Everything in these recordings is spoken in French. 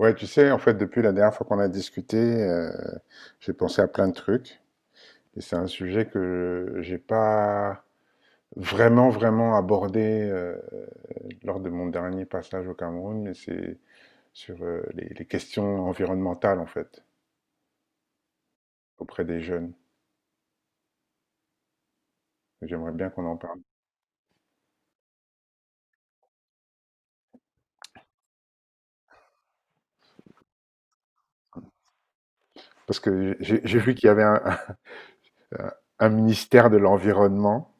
Ouais, tu sais, en fait, depuis la dernière fois qu'on a discuté, j'ai pensé à plein de trucs. Et c'est un sujet que j'ai pas vraiment abordé lors de mon dernier passage au Cameroun, mais c'est sur les questions environnementales, en fait, auprès des jeunes. J'aimerais bien qu'on en parle. Parce que j'ai vu qu'il y avait un, un- un ministère de l'environnement.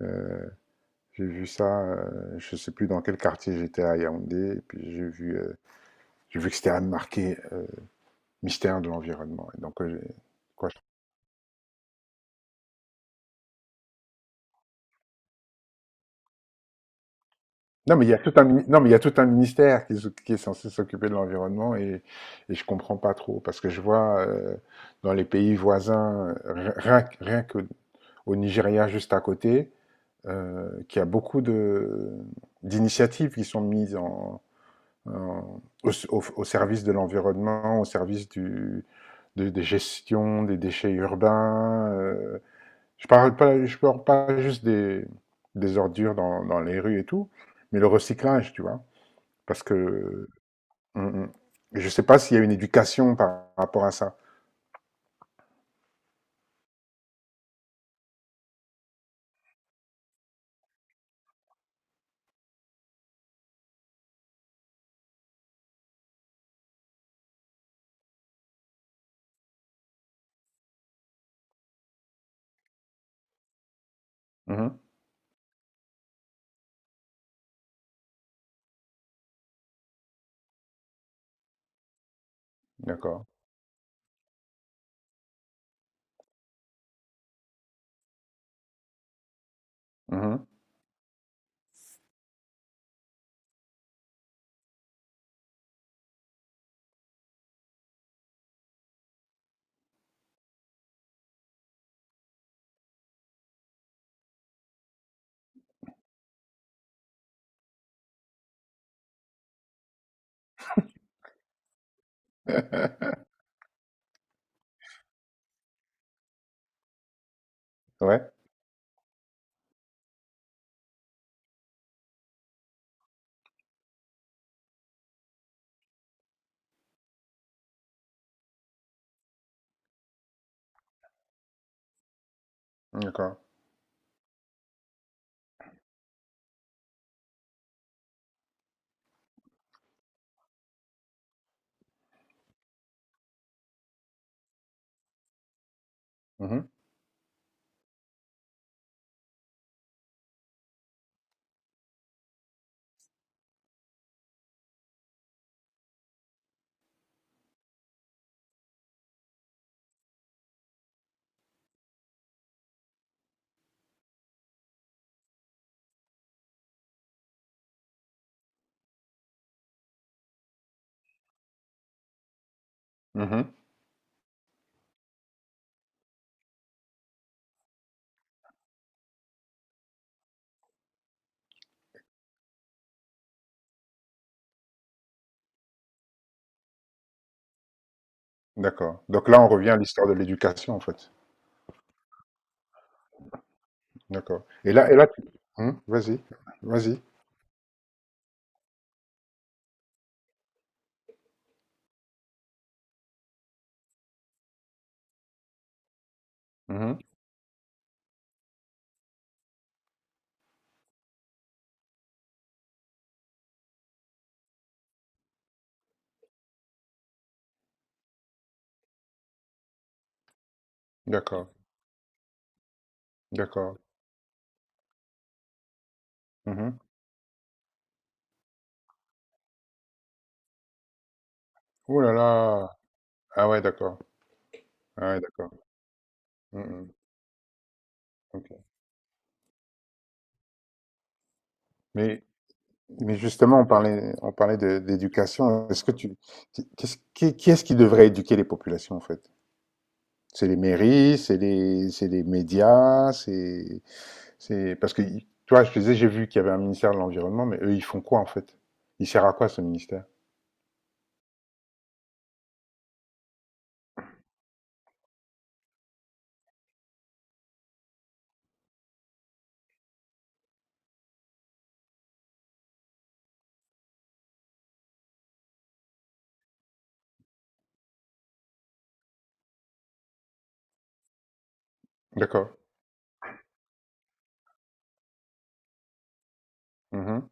Euh, j'ai vu ça, je sais plus dans quel quartier j'étais à Yaoundé, et puis j'ai vu que c'était marqué Mystère de l'environnement. Et donc, quoi, Non, mais il y a tout un, non, mais il y a tout un ministère qui, qui est censé s'occuper de l'environnement et je comprends pas trop parce que je vois dans les pays voisins, rien que au Nigeria juste à côté, qu'il y a beaucoup de d'initiatives qui sont mises au service de l'environnement, au service de, des gestions des déchets urbains. Je parle pas juste des ordures dans les rues et tout, mais le recyclage, tu vois. Parce que mm, mm. je sais pas s'il y a une éducation par rapport à ça. Mhm. D'accord. Mhm. Ouais, d'accord. Mhm. Mhm. D'accord. Donc là, on revient à l'histoire de l'éducation, en fait. D'accord. Et là, vas-y, vas-y. Mhm. D'accord, d'accord. Mhm. Ouh là là. Ah ouais, d'accord. Ah ouais, d'accord. Mhm. Ok. Mais Mais justement, on parlait d'éducation. Est-ce que tu, qu'est-ce- qui est-ce qui devrait éduquer les populations, en fait? C'est les mairies, c'est les médias, parce que, toi, je te disais, j'ai vu qu'il y avait un ministère de l'Environnement, mais eux, ils font quoi, en fait? Il sert à quoi, ce ministère? D'accord. Mhm.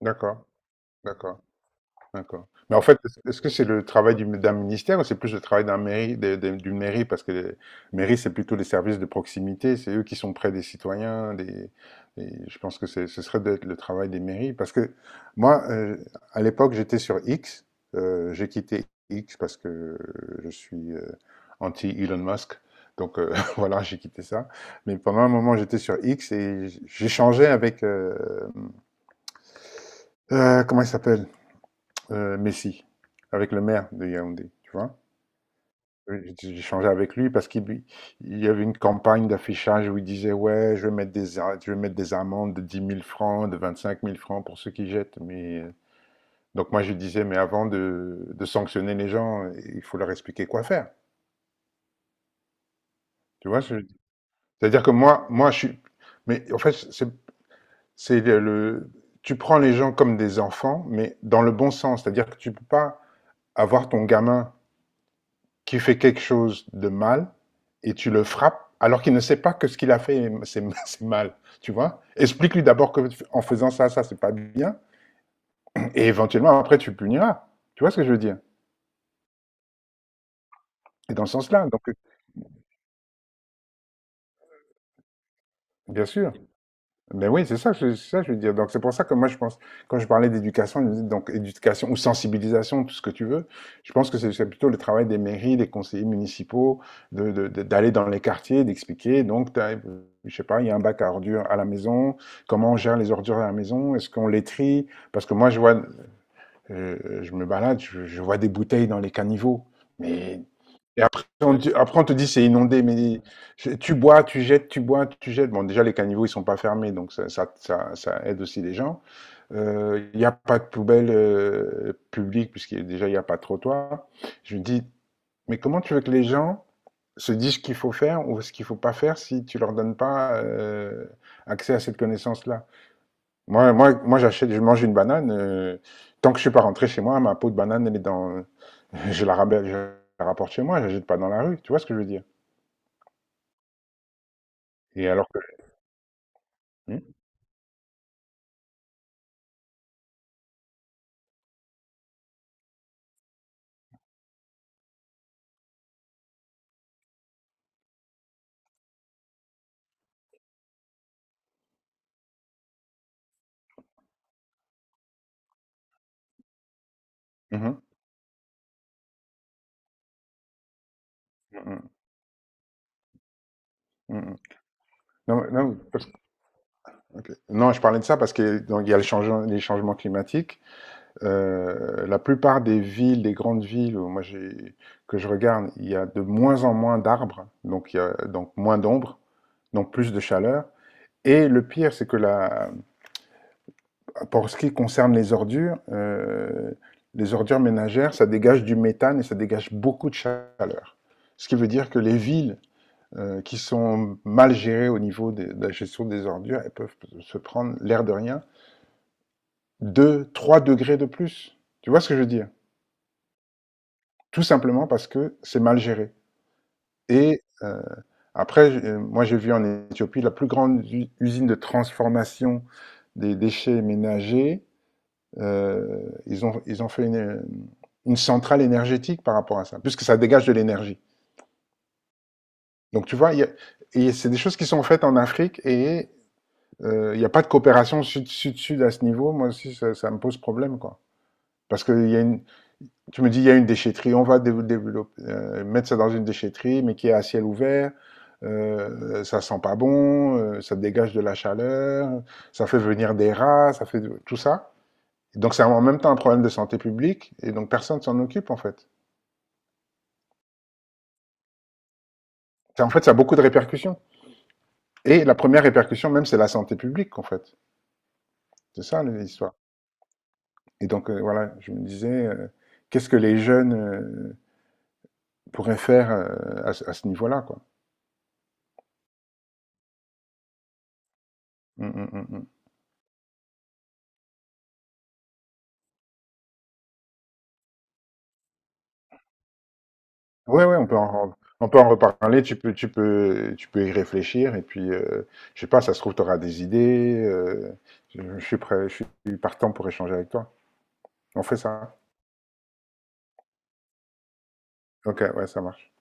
D'accord. D'accord. D'accord. Mais en fait, est-ce que c'est le travail d'un ministère ou c'est plus le travail d'un mairie, d'une mairie? Parce que les mairies, c'est plutôt les services de proximité, c'est eux qui sont près des citoyens, je pense que ce serait d'être le travail des mairies. Parce que moi, à l'époque, j'étais sur X, j'ai quitté X parce que je suis anti-Elon Musk. Donc voilà, j'ai quitté ça. Mais pendant un moment, j'étais sur X et j'échangeais avec comment il s'appelle? Messi, avec le maire de Yaoundé, tu vois? Oui, j'ai avec lui parce qu'il il y avait une campagne d'affichage où il disait: «Ouais, je vais mettre des amendes de dix mille francs, de vingt-cinq mille francs pour ceux qui jettent», mais donc moi, je lui disais: «Mais avant de sanctionner les gens, il faut leur expliquer quoi faire». Tu vois ce que je veux dire? C'est-à-dire que moi, je suis mais en fait, c'est le tu prends les gens comme des enfants, mais dans le bon sens, c'est-à-dire que tu peux pas avoir ton gamin qui fait quelque chose de mal et tu le frappes alors qu'il ne sait pas que ce qu'il a fait c'est mal, tu vois. Explique-lui d'abord que en faisant ça c'est pas bien et éventuellement après tu puniras. Tu vois ce que je veux dire. Et dans ce sens-là, donc bien sûr. Ben oui, c'est ça, c'est ça que je veux dire. Donc c'est pour ça que moi je pense, quand je parlais d'éducation, je me dis donc éducation ou sensibilisation, tout ce que tu veux, je pense que c'est plutôt le travail des mairies, des conseillers municipaux, d'aller dans les quartiers, d'expliquer. Donc, t'as, je sais pas, il y a un bac à ordures à la maison, comment on gère les ordures à la maison, est-ce qu'on les trie? Parce que moi je vois, je me balade, je vois des bouteilles dans les caniveaux. Mais après, on te dit c'est inondé, mais tu bois, tu jettes, tu bois, tu jettes. Bon, déjà, les caniveaux, ils sont pas fermés, donc ça aide aussi les gens. Il n'y a pas de poubelle publique, puisqu'il déjà, il n'y a pas de trottoir. Je me dis, mais comment tu veux que les gens se disent ce qu'il faut faire ou ce qu'il faut pas faire si tu leur donnes pas accès à cette connaissance-là? Moi j'achète, je mange une banane. Tant que je suis pas rentré chez moi, ma peau de banane, elle est dans, je la ramène, je la rapporte chez moi, je la jette pas dans la rue. Tu vois ce que je veux dire? Et alors que mmh, mmh mh, mmh, mmh Non, non, parce OK. Non, je parlais de ça parce que donc il y a le changement les changements climatiques. La plupart des villes, des grandes villes où moi j'ai que je regarde, il y a de moins en moins d'arbres, donc il y a donc moins d'ombre, donc plus de chaleur et le pire, c'est que la pour ce qui concerne les ordures ménagères, ça dégage du méthane et ça dégage beaucoup de chaleur. Ce qui veut dire que les villes qui sont mal gérées au niveau de la gestion des ordures, elles peuvent se prendre, l'air de rien, 2, 3 degrés de plus. Tu vois ce que je veux dire. Tout simplement parce que c'est mal géré. Et après, moi j'ai vu en Éthiopie la plus grande usine de transformation des déchets ménagers. Ils ont fait une centrale énergétique par rapport à ça, puisque ça dégage de l'énergie. Donc tu vois, et c'est des choses qui sont faites en Afrique et il n'y a pas de coopération sud-sud-sud à ce niveau. Moi aussi, ça me pose problème, quoi. Parce que tu me dis, il y a une déchetterie, on va développer, mettre ça dans une déchetterie, mais qui est à ciel ouvert. Ça sent pas bon, ça dégage de la chaleur, ça fait venir des rats, ça fait tout ça. Donc c'est en même temps un problème de santé publique, et donc personne ne s'en occupe en fait. En fait, ça a beaucoup de répercussions. Et la première répercussion même, c'est la santé publique en fait. C'est ça l'histoire. Et donc voilà, je me disais, qu'est-ce que les jeunes euh, pourrait faire à ce niveau-là, quoi. Mm, mm, mm, mm. Ouais, ouais, on peut en reparler, tu peux y réfléchir, et puis, je sais pas, ça se trouve, tu auras des idées, je suis prêt, je suis partant pour échanger avec toi. On fait ça? Ok, ouais, ça marche.